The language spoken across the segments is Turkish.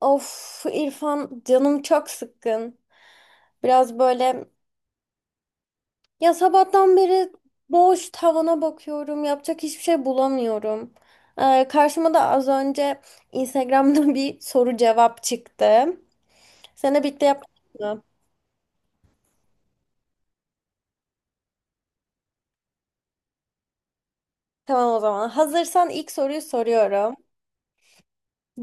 Of İrfan canım çok sıkkın. Biraz böyle ya sabahtan beri boş tavana bakıyorum. Yapacak hiçbir şey bulamıyorum. Karşıma da az önce Instagram'da bir soru cevap çıktı. Seninle birlikte yapalım mı? Tamam o zaman. Hazırsan ilk soruyu soruyorum.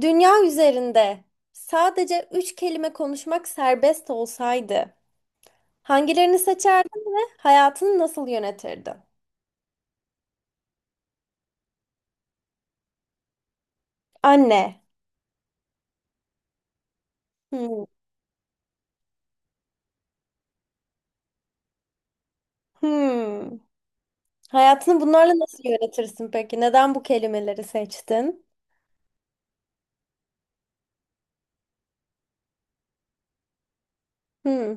Dünya üzerinde sadece üç kelime konuşmak serbest olsaydı hangilerini seçerdin ve hayatını nasıl yönetirdin? Anne. Hmm. Hmm. Hayatını bunlarla nasıl yönetirsin peki? Neden bu kelimeleri seçtin? Hmm.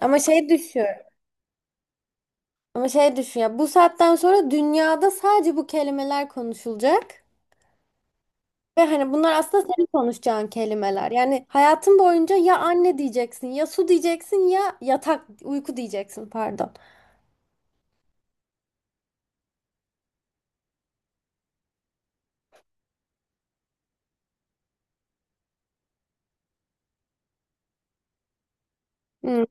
Ama şey düşün. Ama şey düşün ya. Bu saatten sonra dünyada sadece bu kelimeler konuşulacak. Ve hani bunlar aslında senin konuşacağın kelimeler. Yani hayatın boyunca ya anne diyeceksin, ya su diyeceksin, ya yatak, uyku diyeceksin pardon. Hmm.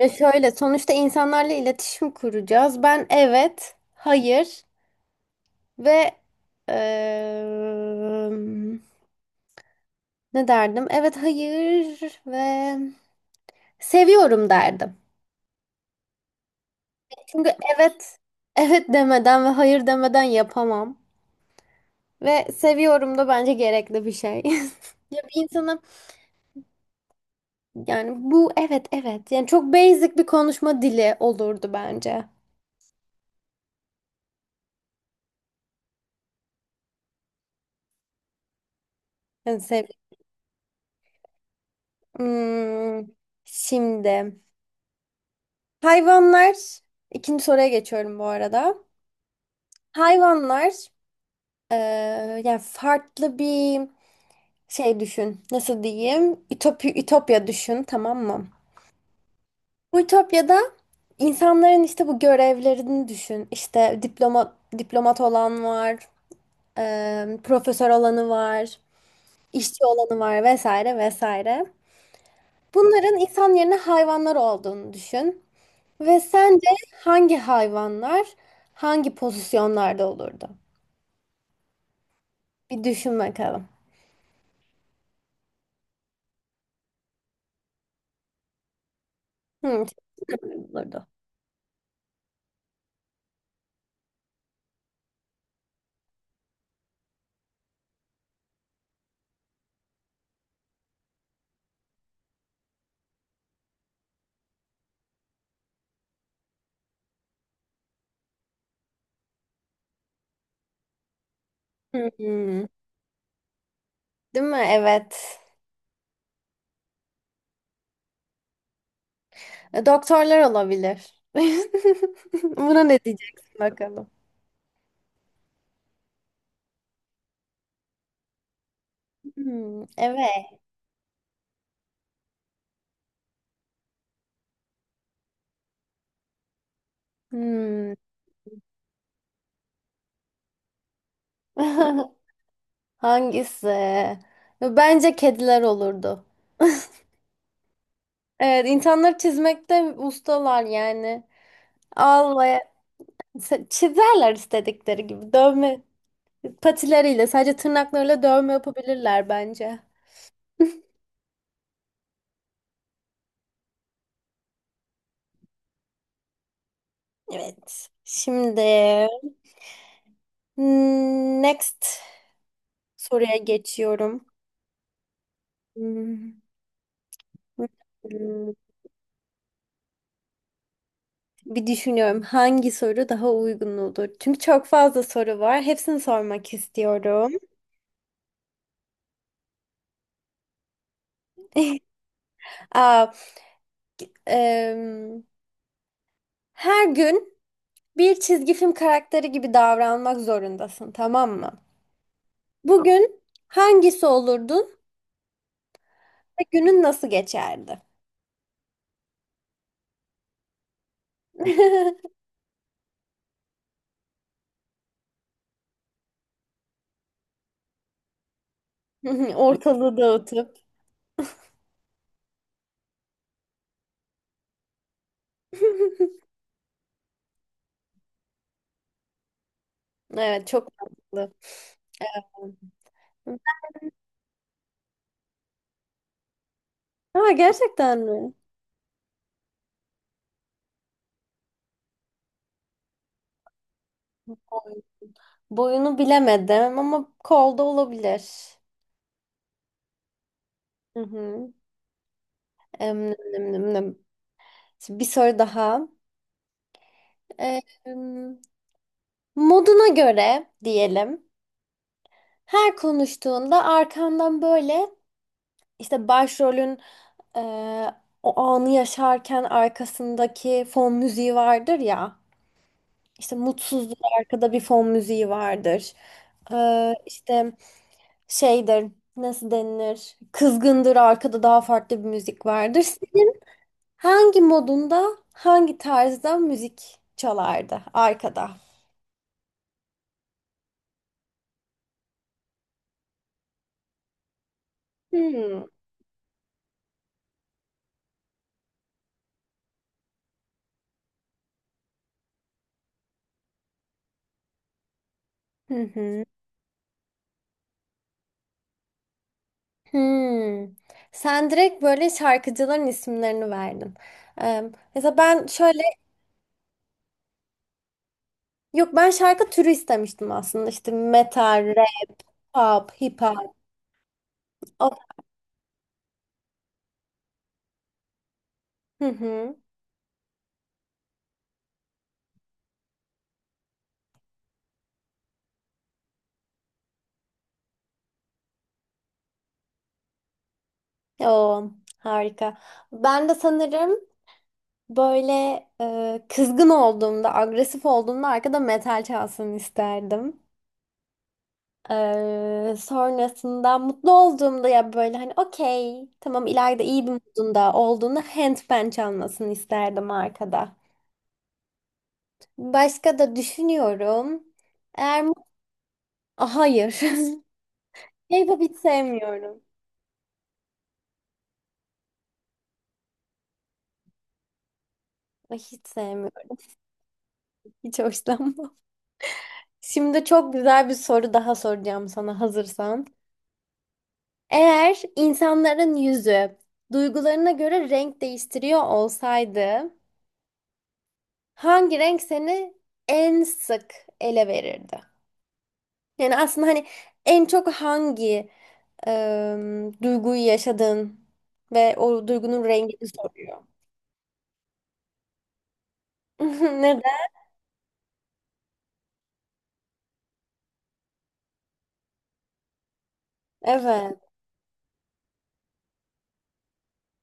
Ve şöyle sonuçta insanlarla iletişim kuracağız. Ben evet, hayır ve eee, Ne derdim? Evet, hayır ve seviyorum derdim. Çünkü evet, evet demeden ve hayır demeden yapamam. Ve seviyorum da bence gerekli bir şey. Ya bir insana yani bu evet evet yani çok basic bir konuşma dili olurdu bence. Yani sev Hmm, şimdi hayvanlar ikinci soruya geçiyorum bu arada. Hayvanlar yani farklı bir şey düşün, nasıl diyeyim? Ütopi, Ütopya düşün, tamam mı? Bu Ütopya'da insanların işte bu görevlerini düşün. İşte diplomat olan var, profesör olanı var, işçi olanı var vesaire vesaire. Bunların insan yerine hayvanlar olduğunu düşün. Ve sence hangi hayvanlar hangi pozisyonlarda olurdu? Bir düşün bakalım. Hmm, çok güzel olurdu. Hmm, değil mi? Evet. Doktorlar olabilir. Buna ne diyeceksin bakalım? Hmm, evet. Hmm. Hangisi? Bence kediler olurdu. Evet, insanları çizmekte ustalar yani. Allah çizerler istedikleri gibi. Dövme patileriyle sadece tırnaklarıyla dövme yapabilirler bence. Evet. Şimdi hmm, next soruya geçiyorum. Hmm. Bir düşünüyorum hangi soru daha uygun olur. Çünkü çok fazla soru var. Hepsini sormak istiyorum. Aa, em, Her gün bir çizgi film karakteri gibi davranmak zorundasın, tamam mı? Bugün hangisi olurdun ve günün nasıl geçerdi? Ortalığı dağıtıp. Evet, çok mantıklı. Ama gerçekten mi? Boy- Boyunu bilemedim ama kolda olabilir. Hı hı. Em, nem, nem, nem. Şimdi bir soru daha. Em, Moduna göre diyelim. Her konuştuğunda arkandan böyle işte başrolün e, o anı yaşarken arkasındaki fon müziği vardır ya. İşte mutsuzluk arkada bir fon müziği vardır. İşte şeydir nasıl denilir? Kızgındır arkada daha farklı bir müzik vardır. Hangi modunda, hangi tarzda müzik çalardı arkada? Hmm. Hı hı. Hmm. Sen direkt böyle şarkıcıların isimlerini verdin. Ee, Mesela ben şöyle, yok ben şarkı türü istemiştim aslında. İşte metal, rap, pop, hip hop. O- Hı hı. Oo, harika. Ben de sanırım böyle kızgın olduğumda, agresif olduğumda arkada metal çalsın isterdim. Sonrasında mutlu olduğumda ya böyle hani okey tamam ileride iyi bir modunda olduğunda handpan çalmasını isterdim arkada. Başka da düşünüyorum. Eğer mut- Ah, hayır. K-pop hiç sevmiyorum. Ay, hiç sevmiyorum. Hiç hoşlanmam. Şimdi çok güzel bir soru daha soracağım sana hazırsan. Eğer insanların yüzü duygularına göre renk değiştiriyor olsaydı hangi renk seni en sık ele verirdi? Yani aslında hani en çok hangi duyguyu yaşadın ve o duygunun rengini soruyor. Neden? Evet.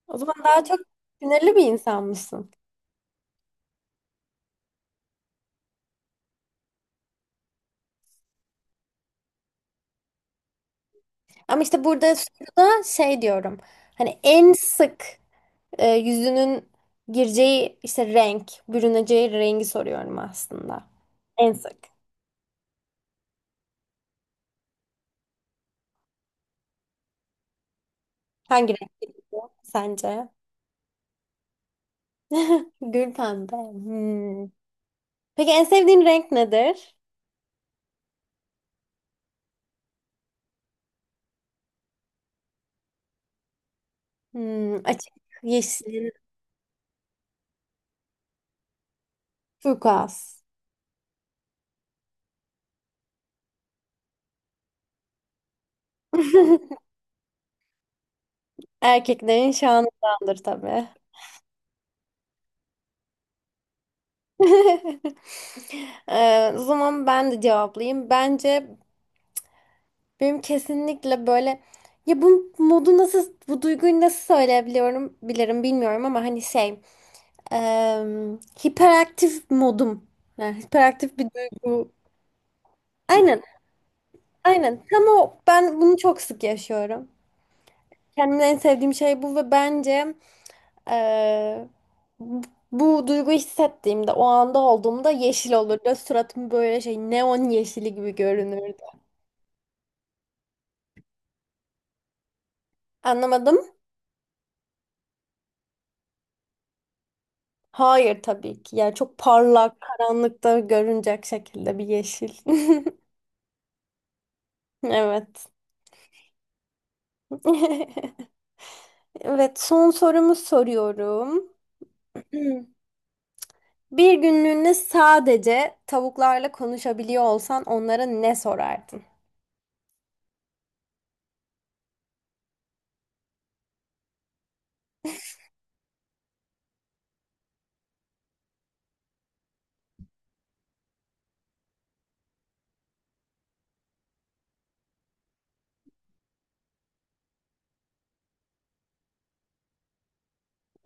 O zaman daha çok sinirli bir insan mısın? Ama işte burada soruda şey diyorum. Hani en sık yüzünün gireceği işte renk, bürüneceği rengi soruyorum aslında. En sık. Hangi renk geliyor sence? Gül pembe. Hmm. Peki en sevdiğin renk nedir? Hmm, açık yeşil. Turkuaz. Erkeklerin şanındandır tabii. O zaman ben de cevaplayayım. Bence benim kesinlikle böyle ya bu modu nasıl bu duyguyu nasıl söyleyebiliyorum bilirim bilmiyorum ama hani şey em, hiperaktif modum. Yani hiperaktif bir duygu. Aynen aynen tam o ben bunu çok sık yaşıyorum. Kendimde en sevdiğim şey bu ve bence eee, bu bu duyguyu hissettiğimde, o anda olduğumda yeşil olurdu. Suratım böyle şey neon yeşili gibi görünürdü. Anlamadım. Hayır tabii ki. Yani çok parlak, karanlıkta görünecek şekilde bir yeşil. Evet. Evet, son sorumu soruyorum. Hmm. Bir günlüğüne sadece tavuklarla konuşabiliyor olsan onlara ne sorardın?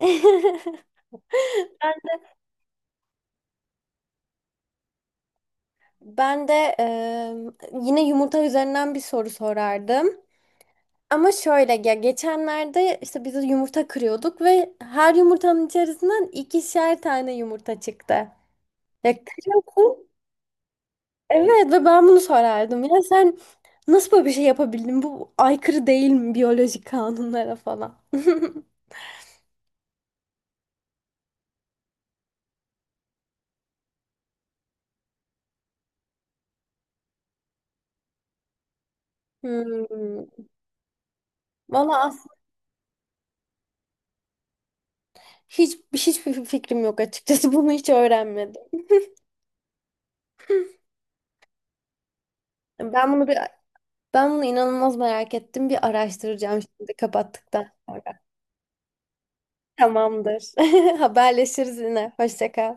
ben Ben de yine yumurta üzerinden bir soru sorardım. Ama şöyle ya geçenlerde işte biz yumurta kırıyorduk ve her yumurtanın içerisinden ikişer tane yumurta çıktı. Ya kırıyorsun. Evet ve ben bunu sorardım. Ya sen nasıl böyle bir şey yapabildin? Bu aykırı değil mi biyolojik kanunlara falan? Hmm. Valla as- Hiç hiçbir fikrim yok açıkçası. Bunu hiç öğrenmedim. Ben bunu bir Ben bunu inanılmaz merak ettim. Bir araştıracağım şimdi kapattıktan sonra. Tamamdır. Haberleşiriz yine. Hoşça kal.